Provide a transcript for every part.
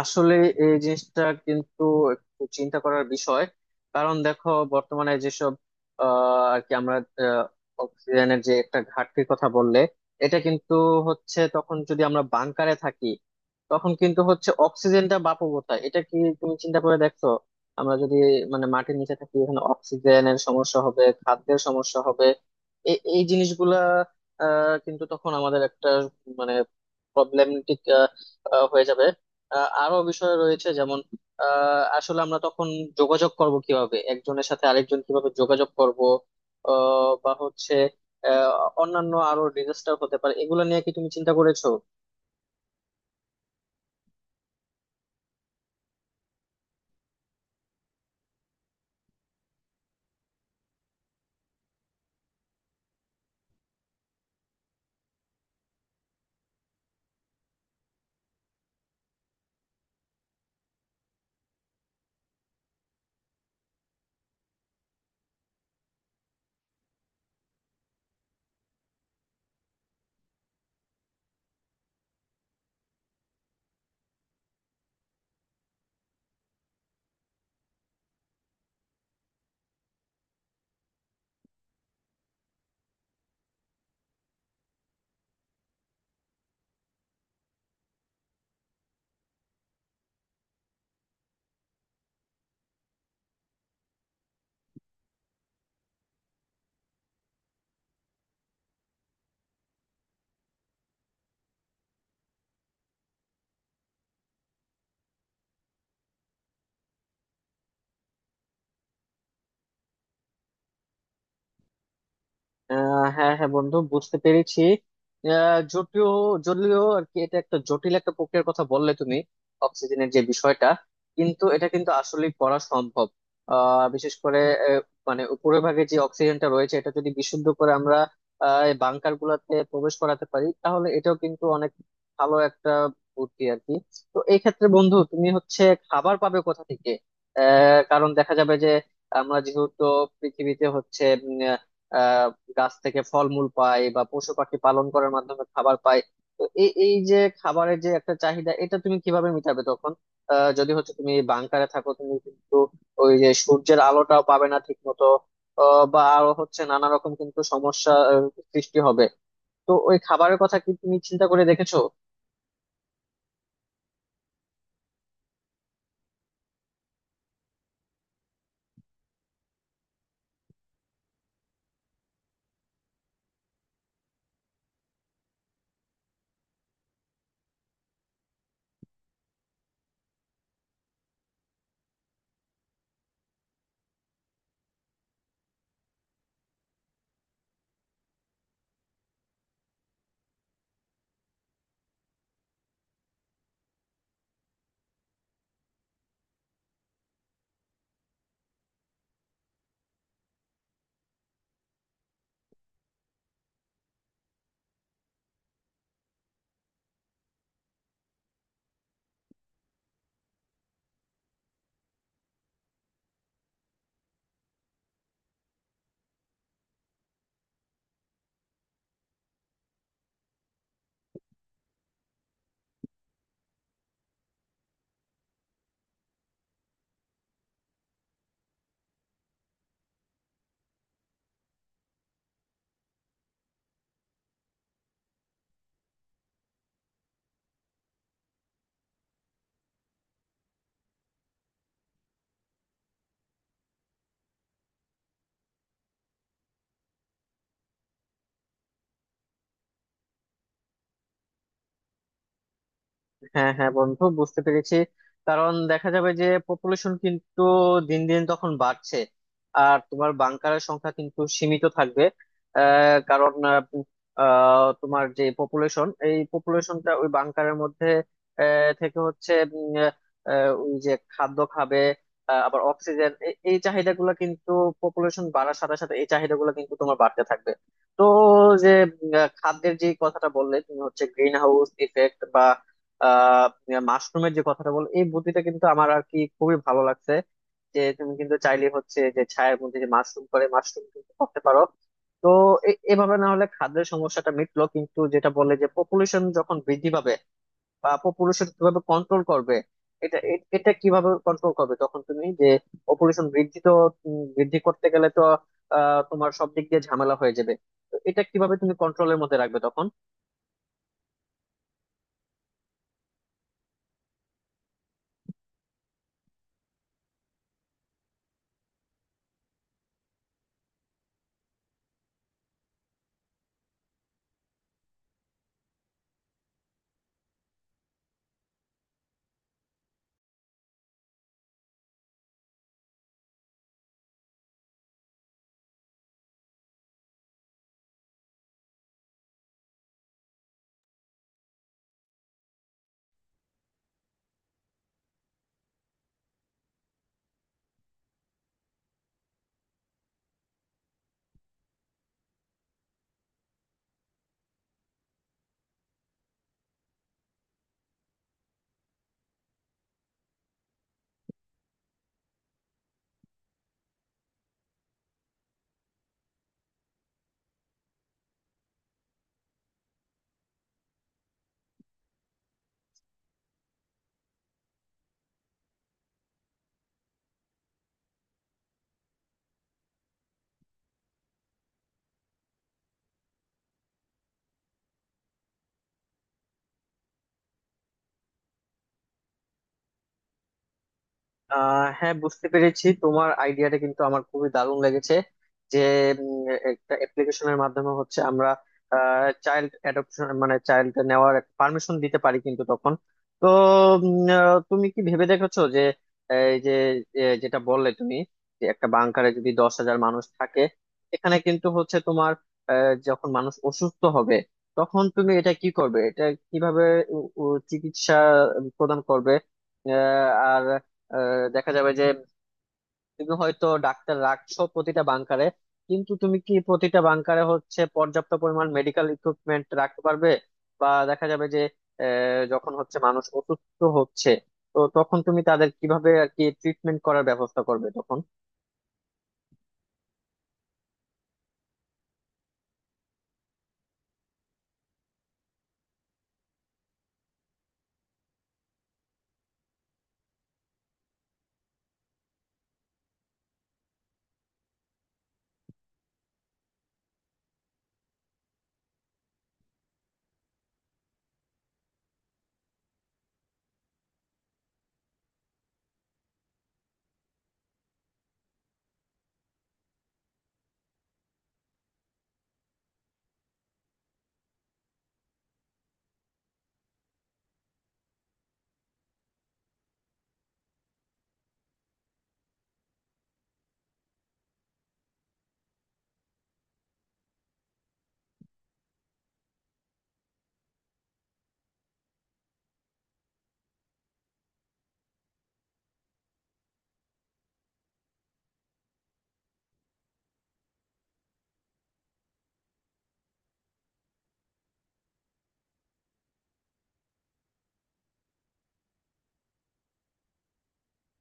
আসলে এই জিনিসটা কিন্তু একটু চিন্তা করার বিষয়। কারণ দেখো, বর্তমানে যেসব আহ, আর কি আমরা আহ, অক্সিজেনের যে একটা ঘাটতির কথা বললে, এটা কিন্তু হচ্ছে তখন যদি আমরা বাংকারে থাকি, তখন কিন্তু হচ্ছে অক্সিজেনটা বাপু কোথায়, এটা কি তুমি চিন্তা করে দেখছো? আমরা যদি মানে মাটির নিচে থাকি, এখানে অক্সিজেনের সমস্যা হবে, খাদ্যের সমস্যা হবে। এই জিনিসগুলা কিন্তু তখন আমাদের একটা মানে প্রবলেমেটিক হয়ে যাবে। আরো বিষয় রয়েছে, যেমন আসলে আমরা তখন যোগাযোগ করব কিভাবে, একজনের সাথে আরেকজন কিভাবে যোগাযোগ করব? আহ, বা হচ্ছে আহ, অন্যান্য আরো ডিজাস্টার হতে পারে, এগুলো নিয়ে কি তুমি চিন্তা করেছো? হ্যাঁ হ্যাঁ বন্ধু, বুঝতে পেরেছি। জটিল, জটিল আর কি, এটা একটা জটিল একটা প্রক্রিয়ার কথা বললে তুমি। অক্সিজেনের যে বিষয়টা, কিন্তু এটা কিন্তু আসলে করা সম্ভব। বিশেষ করে আহ, মানে উপরের ভাগে যে অক্সিজেনটা রয়েছে, এটা যদি বিশুদ্ধ করে আমরা বাংকার গুলাতে প্রবেশ করাতে পারি, তাহলে এটাও কিন্তু অনেক ভালো একটা বুদ্ধি আর কি। তো এই ক্ষেত্রে বন্ধু, তুমি হচ্ছে খাবার পাবে কোথা থেকে? কারণ দেখা যাবে যে আমরা যেহেতু পৃথিবীতে হচ্ছে আহ গাছ থেকে ফলমূল পায় বা পশু পাখি পালন করার মাধ্যমে খাবার পায়। তো এই এই যে খাবারের যে একটা চাহিদা, এটা তুমি কিভাবে মিটাবে তখন? যদি হচ্ছে তুমি বাংকারে থাকো, তুমি কিন্তু ওই যে সূর্যের আলোটাও পাবে না ঠিক মতো। বা আরো হচ্ছে নানা রকম কিন্তু সমস্যা সৃষ্টি হবে। তো ওই খাবারের কথা কি তুমি চিন্তা করে দেখেছো? হ্যাঁ হ্যাঁ বন্ধু, বুঝতে পেরেছি। কারণ দেখা যাবে যে পপুলেশন কিন্তু দিন দিন তখন বাড়ছে, আর তোমার বাংকারের সংখ্যা কিন্তু সীমিত থাকবে। আহ, কারণ আহ, আহ, তোমার যে পপুলেশন, এই পপুলেশনটা ওই বাংকারের মধ্যে থেকে হচ্ছে ওই যে খাদ্য খাবে, আবার অক্সিজেন, এই চাহিদাগুলো কিন্তু পপুলেশন বাড়ার সাথে সাথে এই চাহিদাগুলো কিন্তু তোমার বাড়তে থাকবে। তো যে খাদ্যের যে কথাটা বললে তুমি হচ্ছে গ্রিন হাউস ইফেক্ট, আহ মাশরুমের যে কথাটা বল, এই বুদ্ধিটা কিন্তু আমার আর কি খুবই ভালো লাগছে। যে তুমি কিন্তু চাইলে হচ্ছে, যে ছায়ের মধ্যে যে মাশরুম করে, মাশরুম কিন্তু করতে পারো। তো এভাবে না হলে খাদ্যের সমস্যাটা মিটলো, কিন্তু যেটা বললে যে পপুলেশন যখন বৃদ্ধি পাবে, বা পপুলেশন কিভাবে কন্ট্রোল করবে, এটা এটা কিভাবে কন্ট্রোল করবে তখন তুমি? যে পপুলেশন বৃদ্ধি তো বৃদ্ধি করতে গেলে তো তোমার সব দিক দিয়ে ঝামেলা হয়ে যাবে। তো এটা কিভাবে তুমি কন্ট্রোলের মধ্যে রাখবে তখন? হ্যাঁ, বুঝতে পেরেছি। তোমার আইডিয়াটা কিন্তু আমার খুবই দারুণ লেগেছে। যে একটা অ্যাপ্লিকেশনের মাধ্যমে হচ্ছে আমরা চাইল্ড অ্যাডপশন মানে চাইল্ড নেওয়ার পারমিশন দিতে পারি কিন্তু তখন। তো তুমি কি ভেবে দেখেছো যে এই যে যেটা বললে তুমি, যে একটা বাংকারে যদি 10,000 মানুষ থাকে, এখানে কিন্তু হচ্ছে তোমার যখন মানুষ অসুস্থ হবে, তখন তুমি এটা কি করবে, এটা কিভাবে চিকিৎসা প্রদান করবে? আহ, আর দেখা যাবে যে তুমি হয়তো ডাক্তার রাখছো প্রতিটা বাংকারে, কিন্তু তুমি কি প্রতিটা বাংকারে হচ্ছে পর্যাপ্ত পরিমাণ মেডিকেল ইকুইপমেন্ট রাখতে পারবে? বা দেখা যাবে যে যখন হচ্ছে মানুষ অসুস্থ হচ্ছে, তো তখন তুমি তাদের কিভাবে আর কি ট্রিটমেন্ট করার ব্যবস্থা করবে তখন?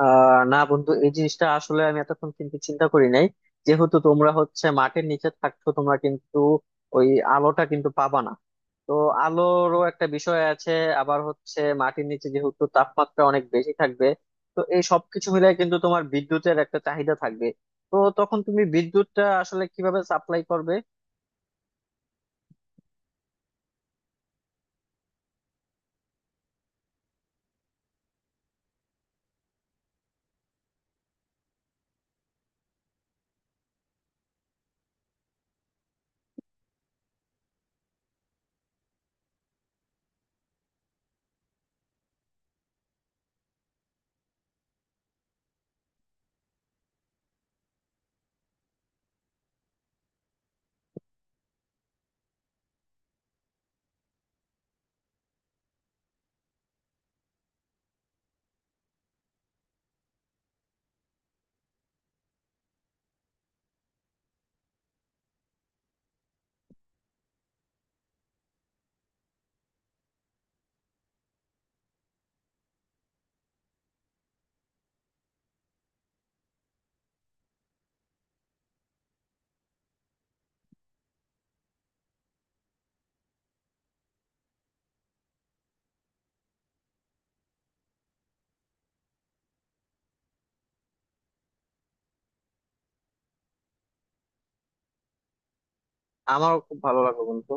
না বন্ধু, এই জিনিসটা আসলে আমি এতক্ষণ কিন্তু চিন্তা করি নাই। যেহেতু তোমরা হচ্ছে মাটির নিচে থাকছো, তোমরা কিন্তু ওই আলোটা কিন্তু পাবা না। তো আলোরও একটা বিষয় আছে। আবার হচ্ছে মাটির নিচে যেহেতু তাপমাত্রা অনেক বেশি থাকবে, তো এই সবকিছু মিলে কিন্তু তোমার বিদ্যুতের একটা চাহিদা থাকবে। তো তখন তুমি বিদ্যুৎটা আসলে কিভাবে সাপ্লাই করবে? আমার খুব ভালো লাগলো বন্ধু।